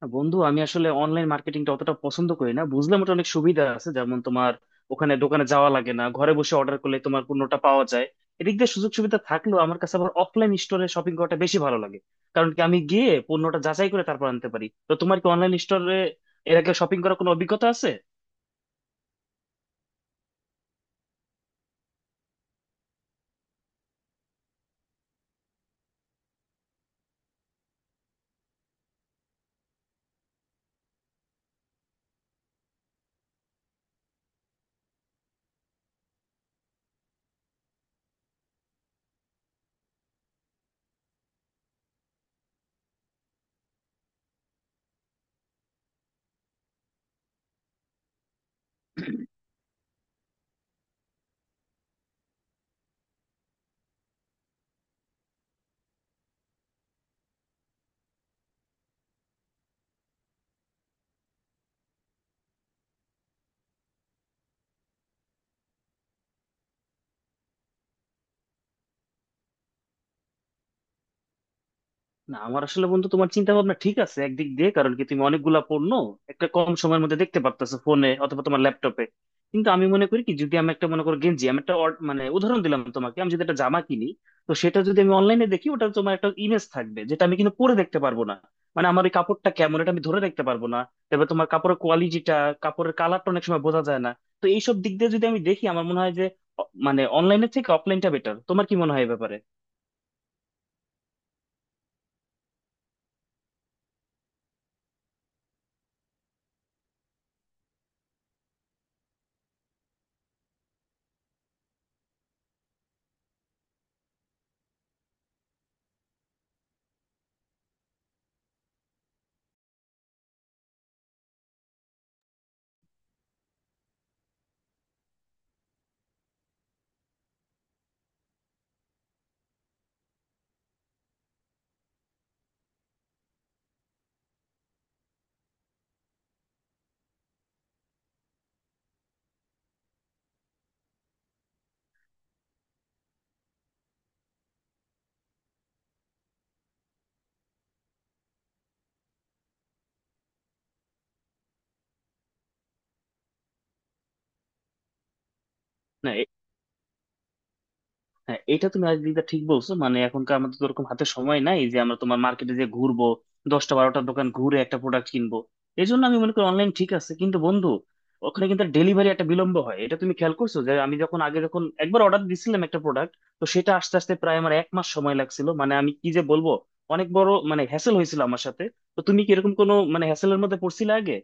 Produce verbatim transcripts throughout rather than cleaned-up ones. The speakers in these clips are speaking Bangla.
না বন্ধু আমি আসলে অনলাইন মার্কেটিংটা অতটা পছন্দ করি না, বুঝলাম ওটা অনেক সুবিধা আছে। যেমন তোমার ওখানে দোকানে যাওয়া লাগে না, ঘরে বসে অর্ডার করলে তোমার পণ্যটা পাওয়া যায়। এদিক দিয়ে সুযোগ সুবিধা থাকলেও আমার কাছে আবার অফলাইন স্টোরে শপিং করাটা বেশি ভালো লাগে। কারণ কি, আমি গিয়ে পণ্যটা যাচাই করে তারপর আনতে পারি। তো তোমার কি অনলাইন স্টোরে এর আগে শপিং করার কোনো অভিজ্ঞতা আছে? না আমার আসলে, বন্ধু, তোমার চিন্তা ভাবনা ঠিক আছে একদিক দিয়ে। কারণ কি তুমি অনেকগুলা পণ্য একটা কম সময়ের মধ্যে দেখতে পারতেছো ফোনে অথবা তোমার ল্যাপটপে। কিন্তু আমি মনে করি কি, যদি আমি একটা, মনে করো গেঞ্জি, আমি একটা অর- মানে উদাহরণ দিলাম তোমাকে, আমি যদি একটা জামা কিনি, তো সেটা যদি আমি অনলাইনে দেখি, ওটা তোমার একটা ইমেজ থাকবে, যেটা আমি কিন্তু পরে দেখতে পারবো না। মানে আমার ওই কাপড়টা কেমন এটা আমি ধরে দেখতে পারবো না। তারপর তোমার কাপড়ের কোয়ালিটিটা, কাপড়ের কালারটা অনেক সময় বোঝা যায় না। তো এইসব দিক দিয়ে যদি আমি দেখি, আমার মনে হয় যে অ- মানে অনলাইনের থেকে অফলাইনটা বেটার। তোমার কি মনে হয় এ ব্যাপারে? না হ্যাঁ, এটা তুমি আজ দিকটা ঠিক বলছো। মানে এখনকার আমাদের তো ওরকম হাতে সময় নাই যে আমরা তোমার মার্কেটে যে ঘুরবো, দশটা বারোটা দোকান ঘুরে একটা প্রোডাক্ট কিনবো। এই জন্য আমি মনে করি অনলাইন ঠিক আছে। কিন্তু বন্ধু, ওখানে কিন্তু ডেলিভারি একটা বিলম্ব হয়, এটা তুমি খেয়াল করছো। যে আমি যখন আগে যখন একবার অর্ডার দিছিলাম একটা প্রোডাক্ট, তো সেটা আস্তে আস্তে প্রায় আমার এক মাস সময় লাগছিল। মানে আমি কি যে বলবো, অনেক বড় মানে হ্যাসেল হয়েছিল আমার সাথে। তো তুমি কি এরকম কোনো মানে হ্যাসেলের মধ্যে পড়ছিলে আগে?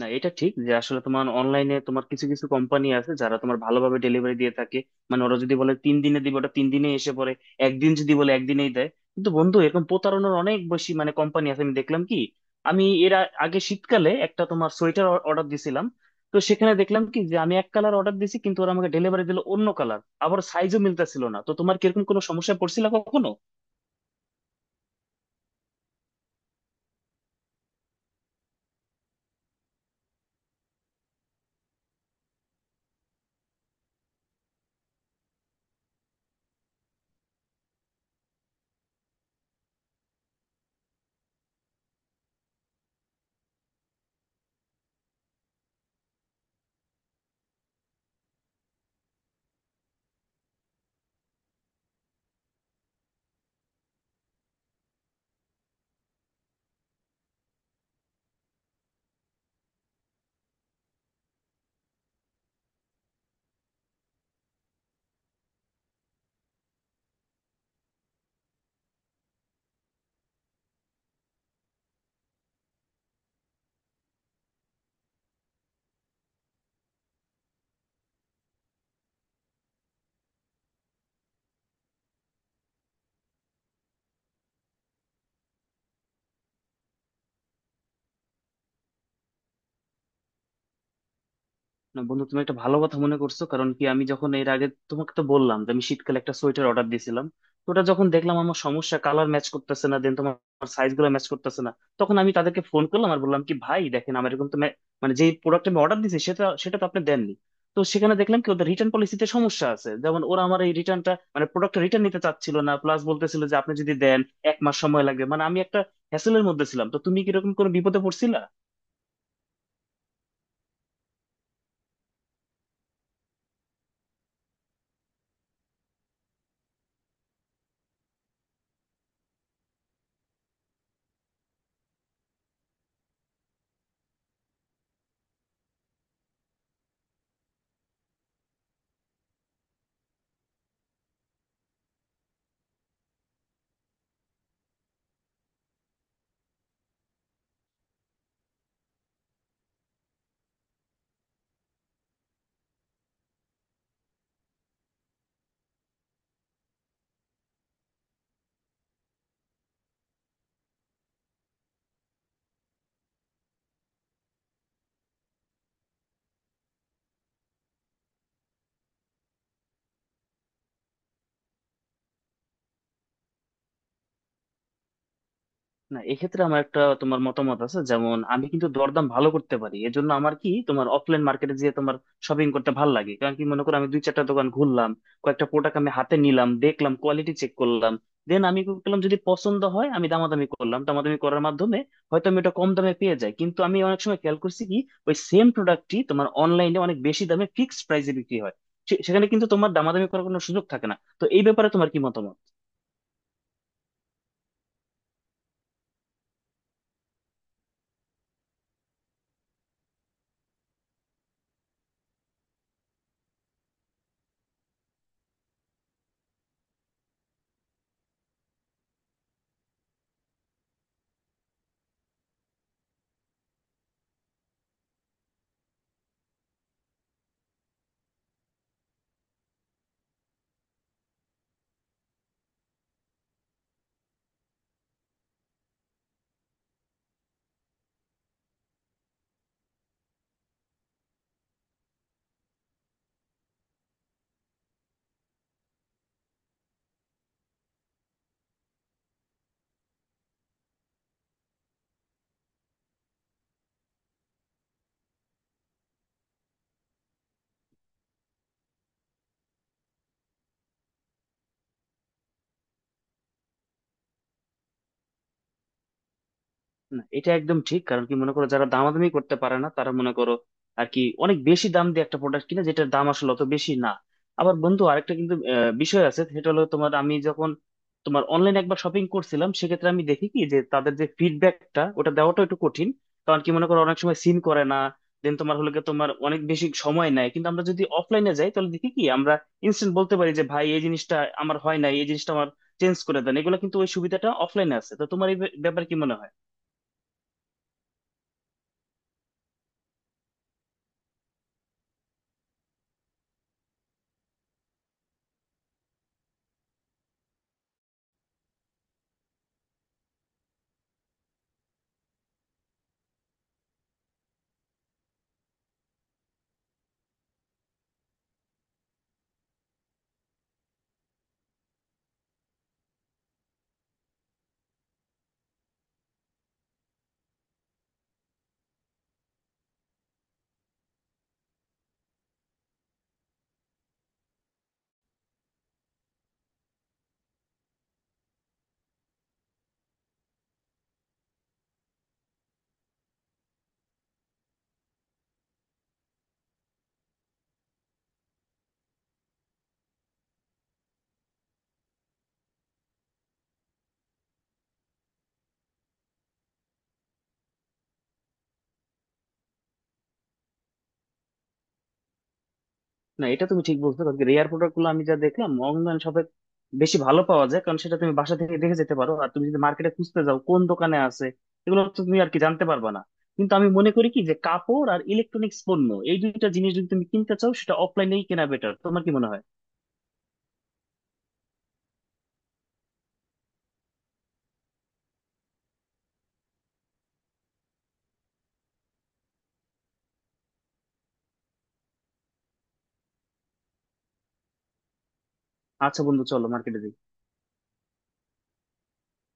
না এটা ঠিক যে আসলে তোমার অনলাইনে তোমার কিছু কিছু কোম্পানি আছে যারা তোমার ভালোভাবে ডেলিভারি দিয়ে থাকে। মানে ওরা যদি বলে তিন দিনে দিবে, ওটা তিন দিনে এসে পড়ে। একদিন যদি বলে একদিনেই দেয়। কিন্তু বন্ধু, এরকম প্রতারণার অনেক বেশি মানে কোম্পানি আছে। আমি দেখলাম কি, আমি এর আ- আগে শীতকালে একটা তোমার সোয়েটার অর্ডার দিছিলাম, তো সেখানে দেখলাম কি যে আমি এক কালার অর্ডার দিছি কিন্তু ওরা আমাকে ডেলিভারি দিল অন্য কালার। আবার সাইজও মিলতেছিল না। তো তোমার কিরকম কোনো সমস্যায় পড়ছিল কখনো? না বন্ধু, তুমি একটা ভালো কথা মনে করছো। কারণ কি, আমি যখন এর আগে তোমাকে তো বললাম যে আমি শীতকালে একটা সোয়েটার অর্ডার দিয়েছিলাম, তো ওটা যখন দেখলাম, আমার সমস্যা কালার ম্যাচ করতেছে না, দেন তোমার সাইজ গুলো ম্যাচ করতেছে না। তখন আমি তাদেরকে ফোন করলাম আর বললাম কি, ভাই দেখেন, আমার এরকম তো ma- মানে যে প্রোডাক্ট আমি অর্ডার দিয়েছি সেটা সেটা তো আপনি দেননি। তো সেখানে দেখলাম কি ওদের রিটার্ন পলিসিতে সমস্যা আছে। যেমন ওরা আমার এই রিটার্নটা মানে প্রোডাক্টটা রিটার্ন নিতে চাচ্ছিল না, প্লাস বলতেছিল যে আপনি যদি দেন এক মাস সময় লাগবে। মানে আমি একটা হ্যাসেলের মধ্যে ছিলাম। তো তুমি কি এরকম কোনো বিপদে পড়ছিলা? না এক্ষেত্রে আমার একটা তোমার মতামত আছে। যেমন আমি কিন্তু দরদাম ভালো করতে পারি, এজন্য আমার কি তোমার অফলাইন মার্কেটে যেয়ে তোমার শপিং করতে ভালো লাগে। কারণ কি, মনে করো আমি দুই চারটা দোকান ঘুরলাম, কয়েকটা প্রোডাক্ট আমি হাতে নিলাম, দেখলাম, কোয়ালিটি চেক করলাম, দেন আমি কি করলাম, যদি পছন্দ হয় আমি দামাদামি করলাম। দামাদামি করার মাধ্যমে হয়তো আমি ওটা কম দামে পেয়ে যাই। কিন্তু আমি অনেক সময় খেয়াল করছি কি, ওই সেম প্রোডাক্টটি তোমার অনলাইনে অনেক বেশি দামে ফিক্সড প্রাইসে বিক্রি হয়। সে- সেখানে কিন্তু তোমার দামাদামি করার কোনো সুযোগ থাকে না। তো এই ব্যাপারে তোমার কি মতামত? না এটা একদম ঠিক। কারণ কি, মনে করো যারা দামাদামি করতে পারে না তারা মনে করো আর কি, অনেক বেশি দাম দিয়ে একটা প্রোডাক্ট কিনে যেটার দাম আসলে অত বেশি না। আবার বন্ধু, আরেকটা কিন্তু আহ, বিষয় আছে, সেটা হলো তোমার আমি যখন তোমার অনলাইনে একবার শপিং করছিলাম, সেক্ষেত্রে আমি দেখি কি যে তাদের যে ফিডব্যাকটা ওটা দেওয়াটা একটু কঠিন। কারণ কি, মনে করো অনেক সময় সিন করে না, দেন তোমার হলে গিয়ে তোমার অনেক বেশি সময় নেয়। কিন্তু আমরা যদি অফলাইনে যাই, তাহলে দেখি কি আমরা ইনস্ট্যান্ট বলতে পারি যে ভাই এই জিনিসটা আমার হয় না, এই জিনিসটা আমার চেঞ্জ করে দেন। এগুলো কিন্তু ওই সুবিধাটা অফলাইনে আছে। তো তোমার এই ব্যাপারে কি মনে হয়? না এটা তুমি ঠিক বলছো। কারণ রেয়ার প্রোডাক্ট গুলো আমি যা দেখলাম অনলাইন শপে বেশি ভালো পাওয়া যায়। কারণ সেটা তুমি বাসা থেকে দেখে যেতে পারো, আর তুমি যদি মার্কেটে খুঁজতে যাও কোন দোকানে আছে এগুলো তো তুমি আর কি জানতে পারবা না। কিন্তু আমি মনে করি কি, যে কাপড় আর ইলেকট্রনিক্স পণ্য, এই দুইটা জিনিস যদি তুমি কিনতে চাও সেটা অফলাইনেই কেনা বেটার। তোমার কি মনে হয়? আচ্ছা বন্ধু, চলো মার্কেটে।